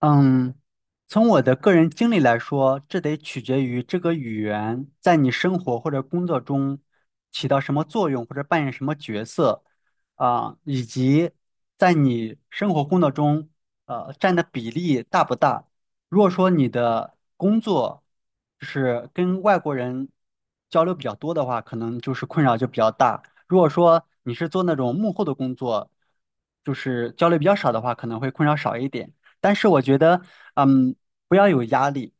嗯，从我的个人经历来说，这得取决于这个语言在你生活或者工作中起到什么作用，或者扮演什么角色，以及在你生活工作中，占的比例大不大。如果说你的工作就是跟外国人交流比较多的话，可能困扰就比较大。如果说你是做那种幕后的工作，就是交流比较少的话，可能会困扰少一点。但是我觉得，嗯，不要有压力。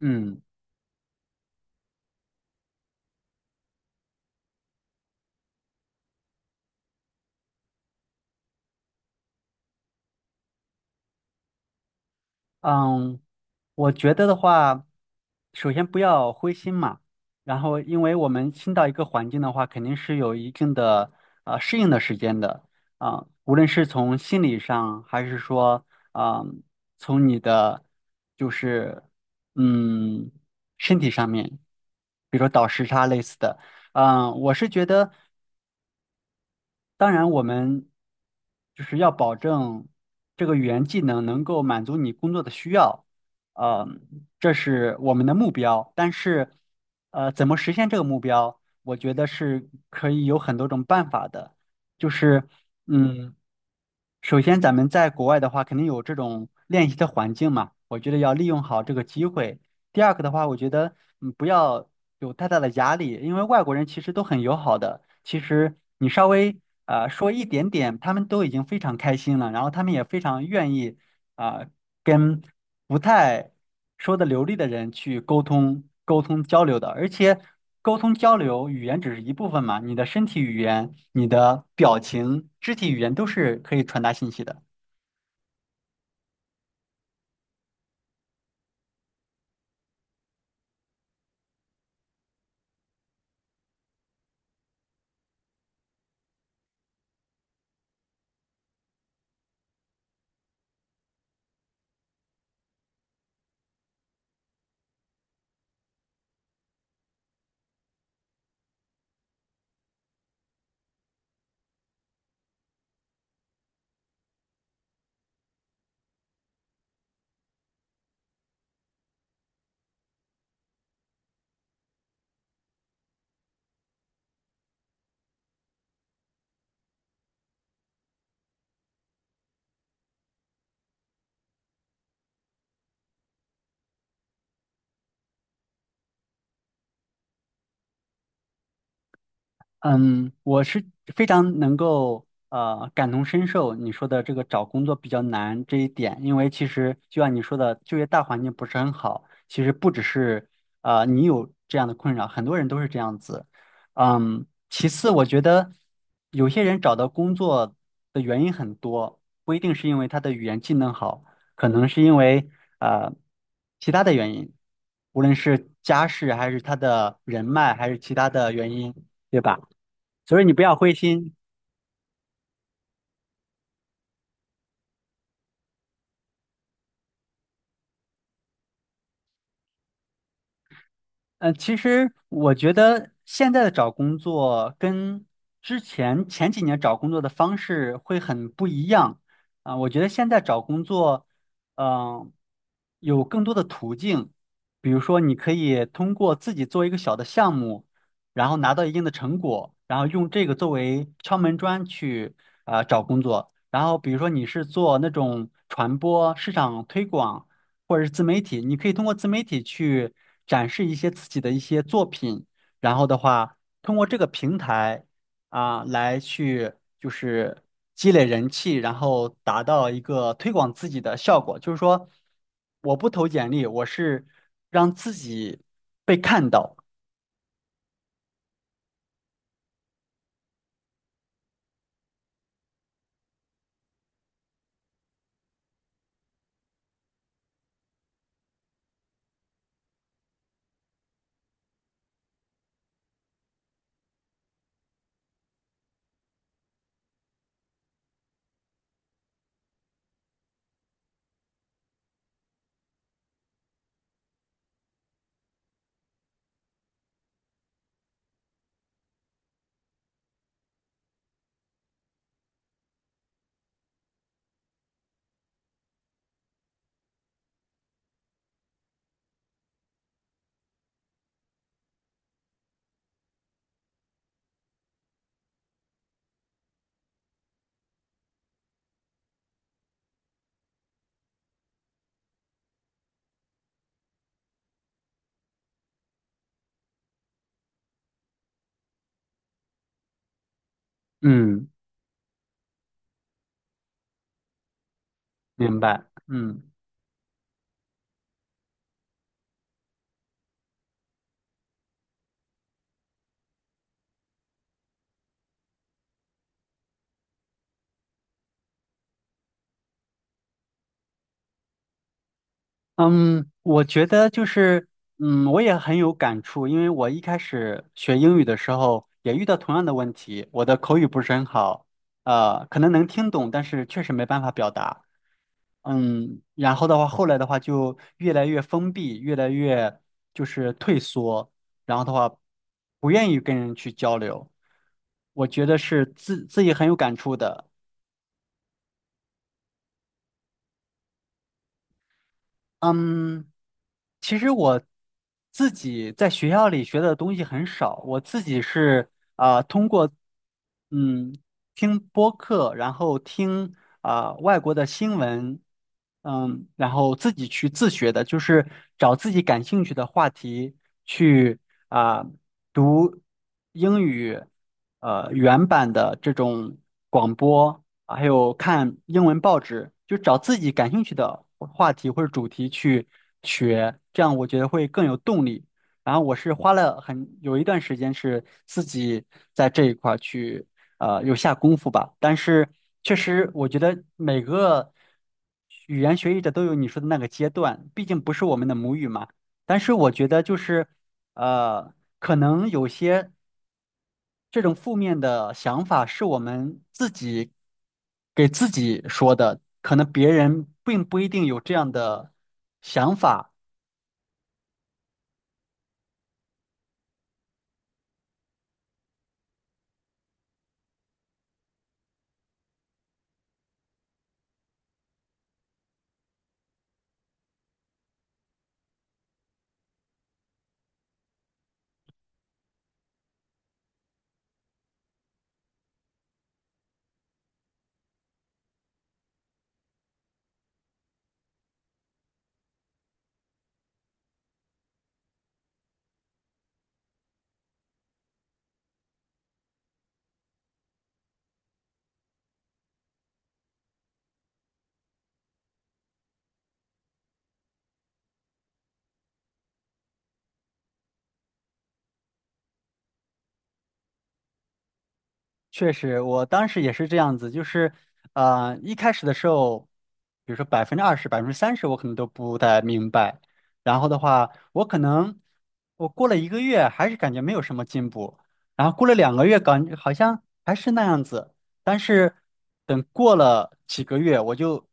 嗯嗯，我觉得的话，首先不要灰心嘛，然后因为我们新到一个环境的话，肯定是有一定的适应的时间的啊，无论是从心理上，还是说，啊，从你的就是嗯身体上面，比如说倒时差类似的，嗯，我是觉得。当然，我们就是要保证这个语言技能能够满足你工作的需要，呃，这是我们的目标。但是，怎么实现这个目标，我觉得是可以有很多种办法的。就是，嗯嗯，首先，咱们在国外的话，肯定有这种练习的环境嘛，我觉得要利用好这个机会。第二个的话，我觉得不要有太大的压力，因为外国人其实都很友好的，其实你稍微说一点点，他们都已经非常开心了，然后他们也非常愿意啊、跟。不太说的流利的人去沟通交流的，而且沟通交流语言只是一部分嘛，你的身体语言、你的表情、肢体语言都是可以传达信息的。嗯，我是非常能够感同身受你说的这个找工作比较难这一点，因为其实就像你说的，就业大环境不是很好，其实不只是你有这样的困扰，很多人都是这样子。嗯，其次我觉得有些人找到工作的原因很多，不一定是因为他的语言技能好，可能是因为呃其他的原因，无论是家世还是他的人脉还是其他的原因，对吧？所以你不要灰心。嗯，其实我觉得现在的找工作跟前几年找工作的方式会很不一样啊，我觉得现在找工作，嗯、有更多的途径，比如说你可以通过自己做一个小的项目，然后拿到一定的成果，然后用这个作为敲门砖去找工作。然后比如说你是做那种传播、市场推广。或者是自媒体，你可以通过自媒体去展示一些自己的一些作品，然后的话，通过这个平台啊，来去就是积累人气，然后达到一个推广自己的效果。就是说，我不投简历，我是让自己被看到。嗯，明白。嗯。嗯，我觉得就是，嗯，我也很有感触，因为我一开始学英语的时候也遇到同样的问题，我的口语不是很好，可能能听懂，但是确实没办法表达。嗯，然后的话，后来的话就越来越封闭，越来越就是退缩，然后的话不愿意跟人去交流。我觉得是自己很有感触的。嗯，其实我自己在学校里学的东西很少，我自己是通过嗯听播客，然后听外国的新闻，嗯，然后自己去自学的，就是找自己感兴趣的话题去啊、读英语原版的这种广播，啊还有看英文报纸，就找自己感兴趣的话题或者主题去学，这样我觉得会更有动力。然后我是花了很有一段时间是自己在这一块儿去有下功夫吧，但是确实我觉得每个语言学习者都有你说的那个阶段，毕竟不是我们的母语嘛。但是我觉得就是呃，可能有些这种负面的想法是我们自己给自己说的，可能别人并不一定有这样的想法。确实，我当时也是这样子，就是，一开始的时候，比如说20%、30%，我可能都不太明白。然后的话，我可能过了1个月，还是感觉没有什么进步。然后过了2个月，感好像还是那样子。但是等过了几个月，我就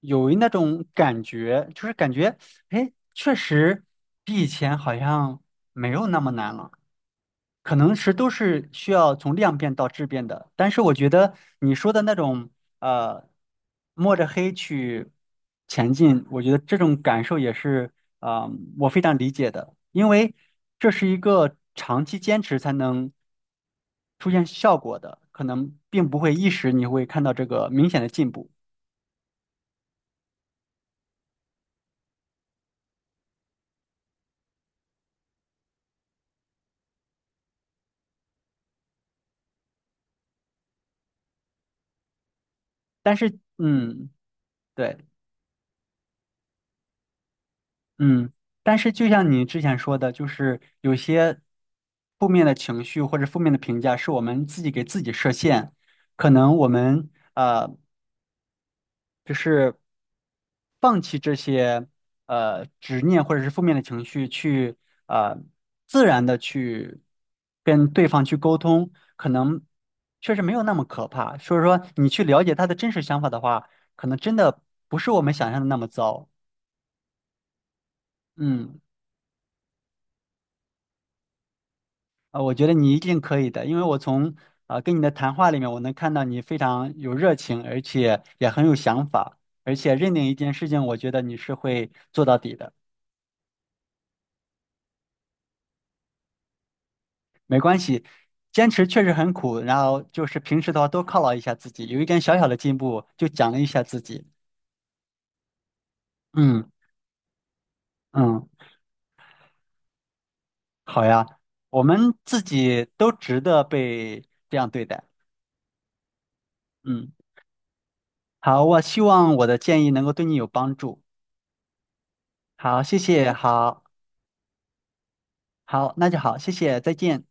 有那种感觉，就是感觉，哎，确实比以前好像没有那么难了。可能是都是需要从量变到质变的，但是我觉得你说的那种呃，摸着黑去前进，我觉得这种感受也是啊、呃我非常理解的，因为这是一个长期坚持才能出现效果的，可能并不会一时你会看到这个明显的进步，但是嗯，对。嗯，但是就像你之前说的，就是有些负面的情绪或者负面的评价是我们自己给自己设限，可能我们就是放弃这些执念或者是负面的情绪去呃自然的去跟对方去沟通，可能确实没有那么可怕。所以说你去了解他的真实想法的话，可能真的不是我们想象的那么糟。嗯。啊，我觉得你一定可以的，因为我从跟你的谈话里面，我能看到你非常有热情，而且也很有想法，而且认定一件事情，我觉得你是会做到底的。没关系，坚持确实很苦，然后就是平时的话多犒劳一下自己，有一点小小的进步就奖励一下自己。嗯嗯，好呀，我们自己都值得被这样对待。嗯，好，我希望我的建议能够对你有帮助。好，谢谢，好，那就好，谢谢，再见。